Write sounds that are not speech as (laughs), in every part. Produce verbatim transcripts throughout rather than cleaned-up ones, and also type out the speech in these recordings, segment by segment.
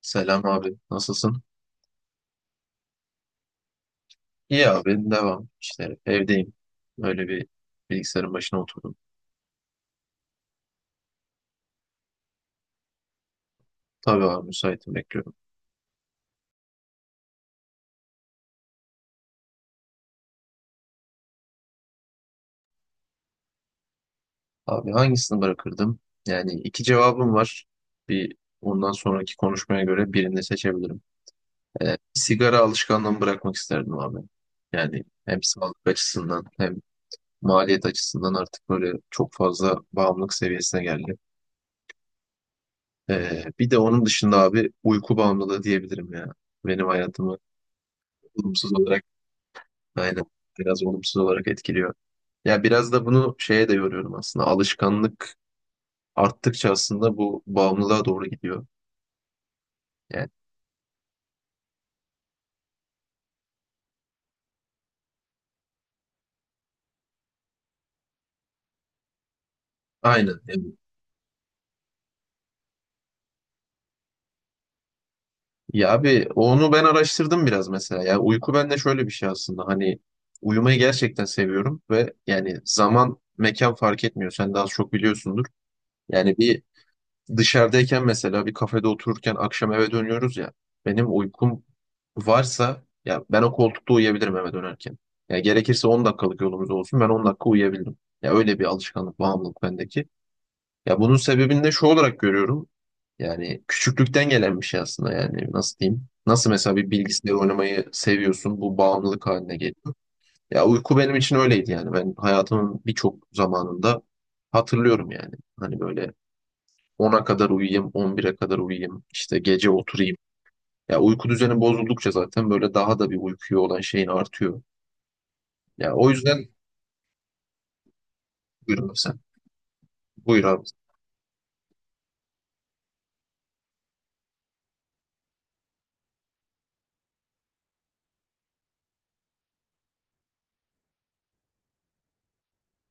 Selam abi, nasılsın? İyi abi, devam. İşte evdeyim. Öyle bir bilgisayarın başına oturdum. Tabii abi, müsaitim bekliyorum. Abi hangisini bırakırdım? Yani iki cevabım var. Bir ondan sonraki konuşmaya göre birini seçebilirim. Ee, sigara alışkanlığımı bırakmak isterdim abi. Yani hem sağlık açısından hem maliyet açısından artık böyle çok fazla bağımlılık seviyesine geldi. Ee, bir de onun dışında abi uyku bağımlılığı diyebilirim ya. Benim hayatımı olumsuz olarak. Aynen. Biraz olumsuz olarak etkiliyor. Ya biraz da bunu şeye de yoruyorum aslında. Alışkanlık arttıkça aslında bu bağımlılığa doğru gidiyor. Yani aynen. Yani, ya abi onu ben araştırdım biraz mesela. Ya uyku bende şöyle bir şey aslında. Hani uyumayı gerçekten seviyorum ve yani zaman mekan fark etmiyor. Sen daha az çok biliyorsundur. Yani bir dışarıdayken mesela bir kafede otururken akşam eve dönüyoruz ya. Benim uykum varsa ya ben o koltukta uyuyabilirim eve dönerken. Ya gerekirse on dakikalık yolumuz olsun ben on dakika uyuyabildim. Ya öyle bir alışkanlık, bağımlılık bendeki. Ya bunun sebebini de şu olarak görüyorum. Yani küçüklükten gelen bir şey aslında yani nasıl diyeyim? Nasıl mesela bir bilgisayar oynamayı seviyorsun bu bağımlılık haline geliyor. Ya uyku benim için öyleydi yani ben hayatımın birçok zamanında hatırlıyorum yani. Hani böyle ona kadar uyuyayım, on bire kadar uyuyayım, işte gece oturayım. Ya uyku düzeni bozuldukça zaten böyle daha da bir uykuya olan şeyin artıyor. Ya o yüzden buyurun sen. Buyur abi.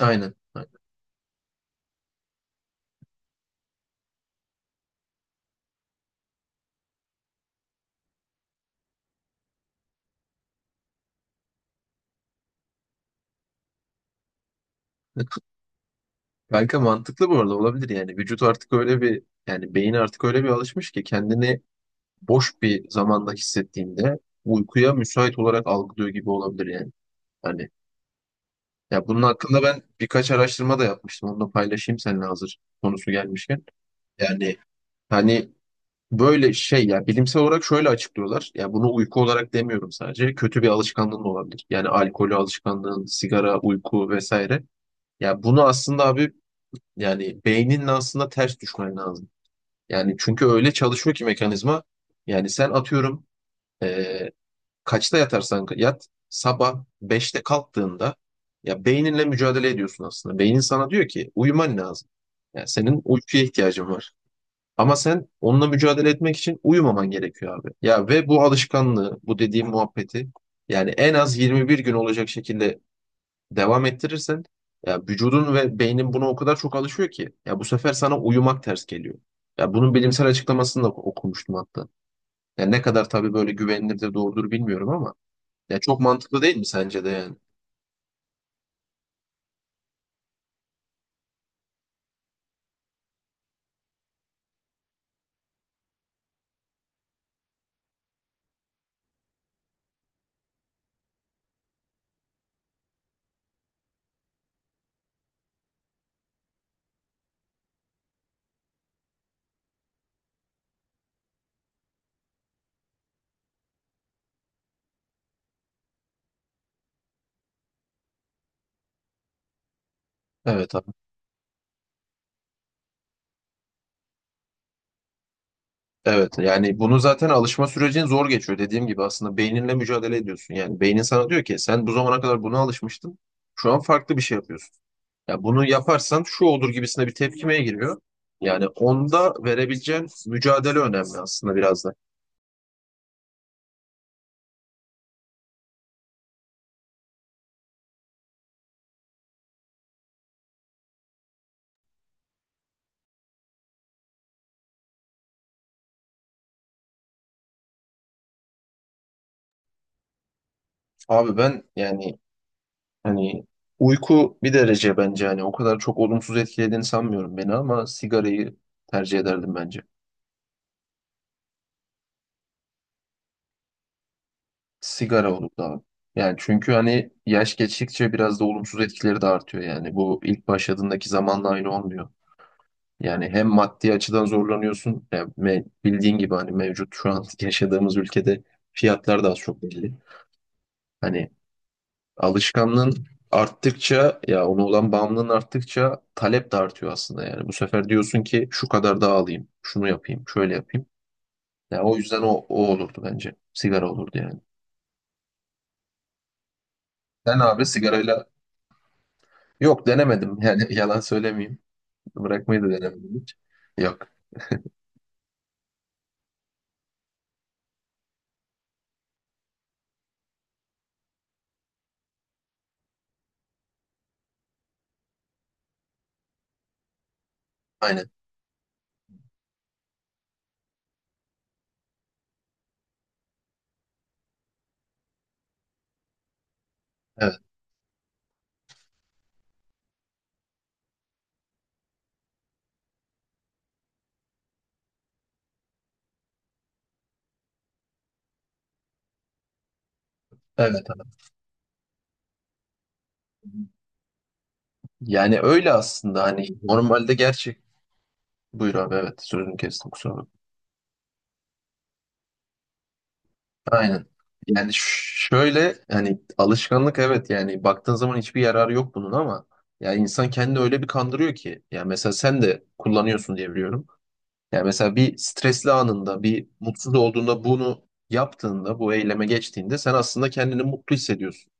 Aynen, aynen. Kanka mantıklı bu arada olabilir yani. Vücut artık öyle bir yani beyin artık öyle bir alışmış ki kendini boş bir zamanda hissettiğinde uykuya müsait olarak algılıyor gibi olabilir yani. Hani ya bunun hakkında ben birkaç araştırma da yapmıştım. Onu da paylaşayım seninle hazır konusu gelmişken. Yani hani böyle şey ya bilimsel olarak şöyle açıklıyorlar. Ya bunu uyku olarak demiyorum sadece. Kötü bir alışkanlığın da olabilir. Yani alkolü alışkanlığın, sigara, uyku vesaire. Ya bunu aslında abi yani beyninle aslında ters düşmen lazım. Yani çünkü öyle çalışıyor ki mekanizma. Yani sen atıyorum, eee, kaçta yatarsan yat sabah beşte kalktığında ya beyninle mücadele ediyorsun aslında. Beynin sana diyor ki uyuman lazım. Yani senin uykuya ihtiyacın var. Ama sen onunla mücadele etmek için uyumaman gerekiyor abi. Ya ve bu alışkanlığı, bu dediğim muhabbeti yani en az yirmi bir gün olacak şekilde devam ettirirsen ya vücudun ve beynin buna o kadar çok alışıyor ki ya bu sefer sana uyumak ters geliyor. Ya bunun bilimsel açıklamasını da okumuştum hatta. Ya ne kadar tabii böyle güvenilir de doğrudur bilmiyorum ama ya çok mantıklı değil mi sence de yani? Evet abi. Evet yani bunu zaten alışma sürecin zor geçiyor dediğim gibi aslında beyninle mücadele ediyorsun. Yani beynin sana diyor ki sen bu zamana kadar buna alışmıştın şu an farklı bir şey yapıyorsun. Ya bunu yaparsan şu olur gibisine bir tepkimeye giriyor. Yani onda verebileceğin mücadele önemli aslında biraz da. Abi ben yani hani uyku bir derece bence hani o kadar çok olumsuz etkilediğini sanmıyorum beni ama sigarayı tercih ederdim bence. Sigara olurdu abi. Yani çünkü hani yaş geçtikçe biraz da olumsuz etkileri de artıyor yani. Bu ilk başladığındaki zamanla aynı olmuyor. Yani hem maddi açıdan zorlanıyorsun. Yani me- bildiğin gibi hani mevcut şu an (laughs) yaşadığımız ülkede fiyatlar da az çok belli. Hani alışkanlığın arttıkça ya ona olan bağımlılığın arttıkça talep de artıyor aslında yani. Bu sefer diyorsun ki şu kadar daha alayım, şunu yapayım, şöyle yapayım. Yani o yüzden o, o olurdu bence. Sigara olurdu yani. Sen abi sigarayla. Yok denemedim yani (laughs) yalan söylemeyeyim. Bırakmayı da denemedim hiç. Yok. Aynen. Evet. Evet evet. Yani öyle aslında hani normalde gerçek. Buyur abi, evet sözünü kestim kusura bakma. Aynen. Yani ş- Şöyle hani alışkanlık evet yani baktığın zaman hiçbir yararı yok bunun ama ya insan kendini öyle bir kandırıyor ki. Yani mesela sen de kullanıyorsun diye biliyorum. Yani mesela bir stresli anında bir mutsuz olduğunda bunu yaptığında bu eyleme geçtiğinde sen aslında kendini mutlu hissediyorsun.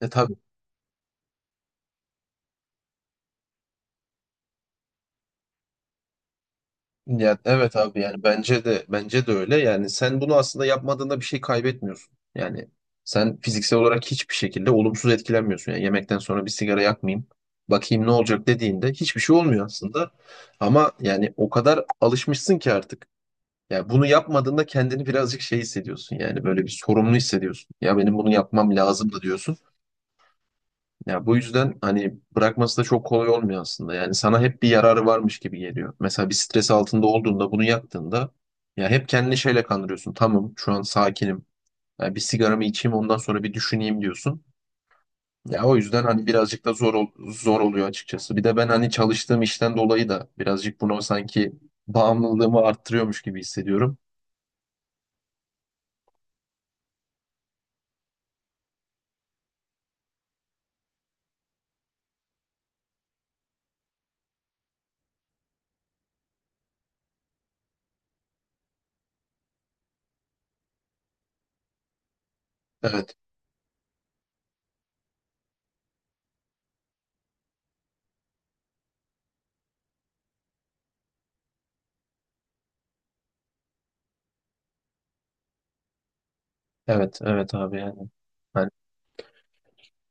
E tabii. Ya evet abi yani bence de bence de öyle. Yani sen bunu aslında yapmadığında bir şey kaybetmiyorsun. Yani sen fiziksel olarak hiçbir şekilde olumsuz etkilenmiyorsun. Yani yemekten sonra bir sigara yakmayayım, bakayım ne olacak dediğinde hiçbir şey olmuyor aslında. Ama yani o kadar alışmışsın ki artık. Yani bunu yapmadığında kendini birazcık şey hissediyorsun. Yani böyle bir sorumlu hissediyorsun. Ya benim bunu yapmam lazım da diyorsun. Ya bu yüzden hani bırakması da çok kolay olmuyor aslında. Yani sana hep bir yararı varmış gibi geliyor. Mesela bir stres altında olduğunda bunu yaktığında ya hep kendini şeyle kandırıyorsun. Tamam şu an sakinim. Ya bir sigaramı içeyim ondan sonra bir düşüneyim diyorsun. Ya o yüzden hani birazcık da zor ol- zor oluyor açıkçası. Bir de ben hani çalıştığım işten dolayı da birazcık bunu sanki bağımlılığımı arttırıyormuş gibi hissediyorum. Evet. Evet, evet abi yani.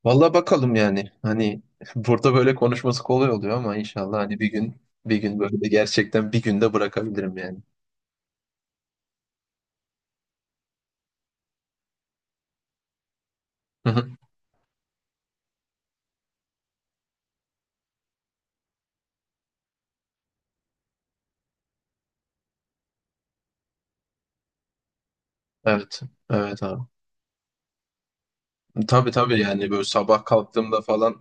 Vallahi bakalım yani. Hani (laughs) burada böyle konuşması kolay oluyor ama inşallah hani bir gün bir gün böyle de gerçekten bir günde bırakabilirim yani. Hı hı. Evet. Evet abi. Tabii tabii yani böyle sabah kalktığımda falan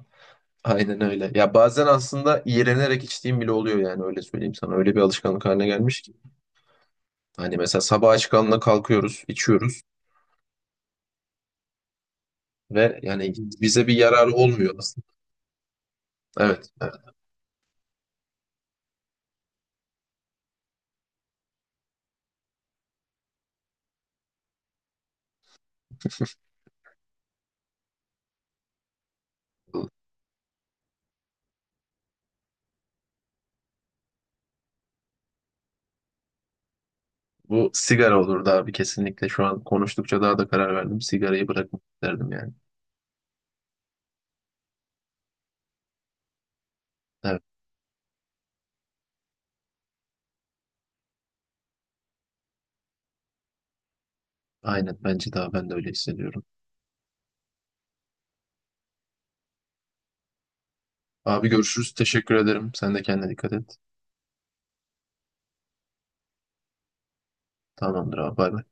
aynen öyle. Ya bazen aslında iğrenerek içtiğim bile oluyor yani öyle söyleyeyim sana. Öyle bir alışkanlık haline gelmiş ki. Hani mesela sabah aç karnına kalkıyoruz, içiyoruz ve yani bize bir yararı olmuyor aslında. Evet, evet. Bu sigara olurdu abi kesinlikle. Şu an konuştukça daha da karar verdim. Sigarayı bırakmak isterdim yani. Evet, aynen bence daha ben de öyle hissediyorum. Abi görüşürüz. Teşekkür ederim. Sen de kendine dikkat et. Tamamdır abi. Bay bay.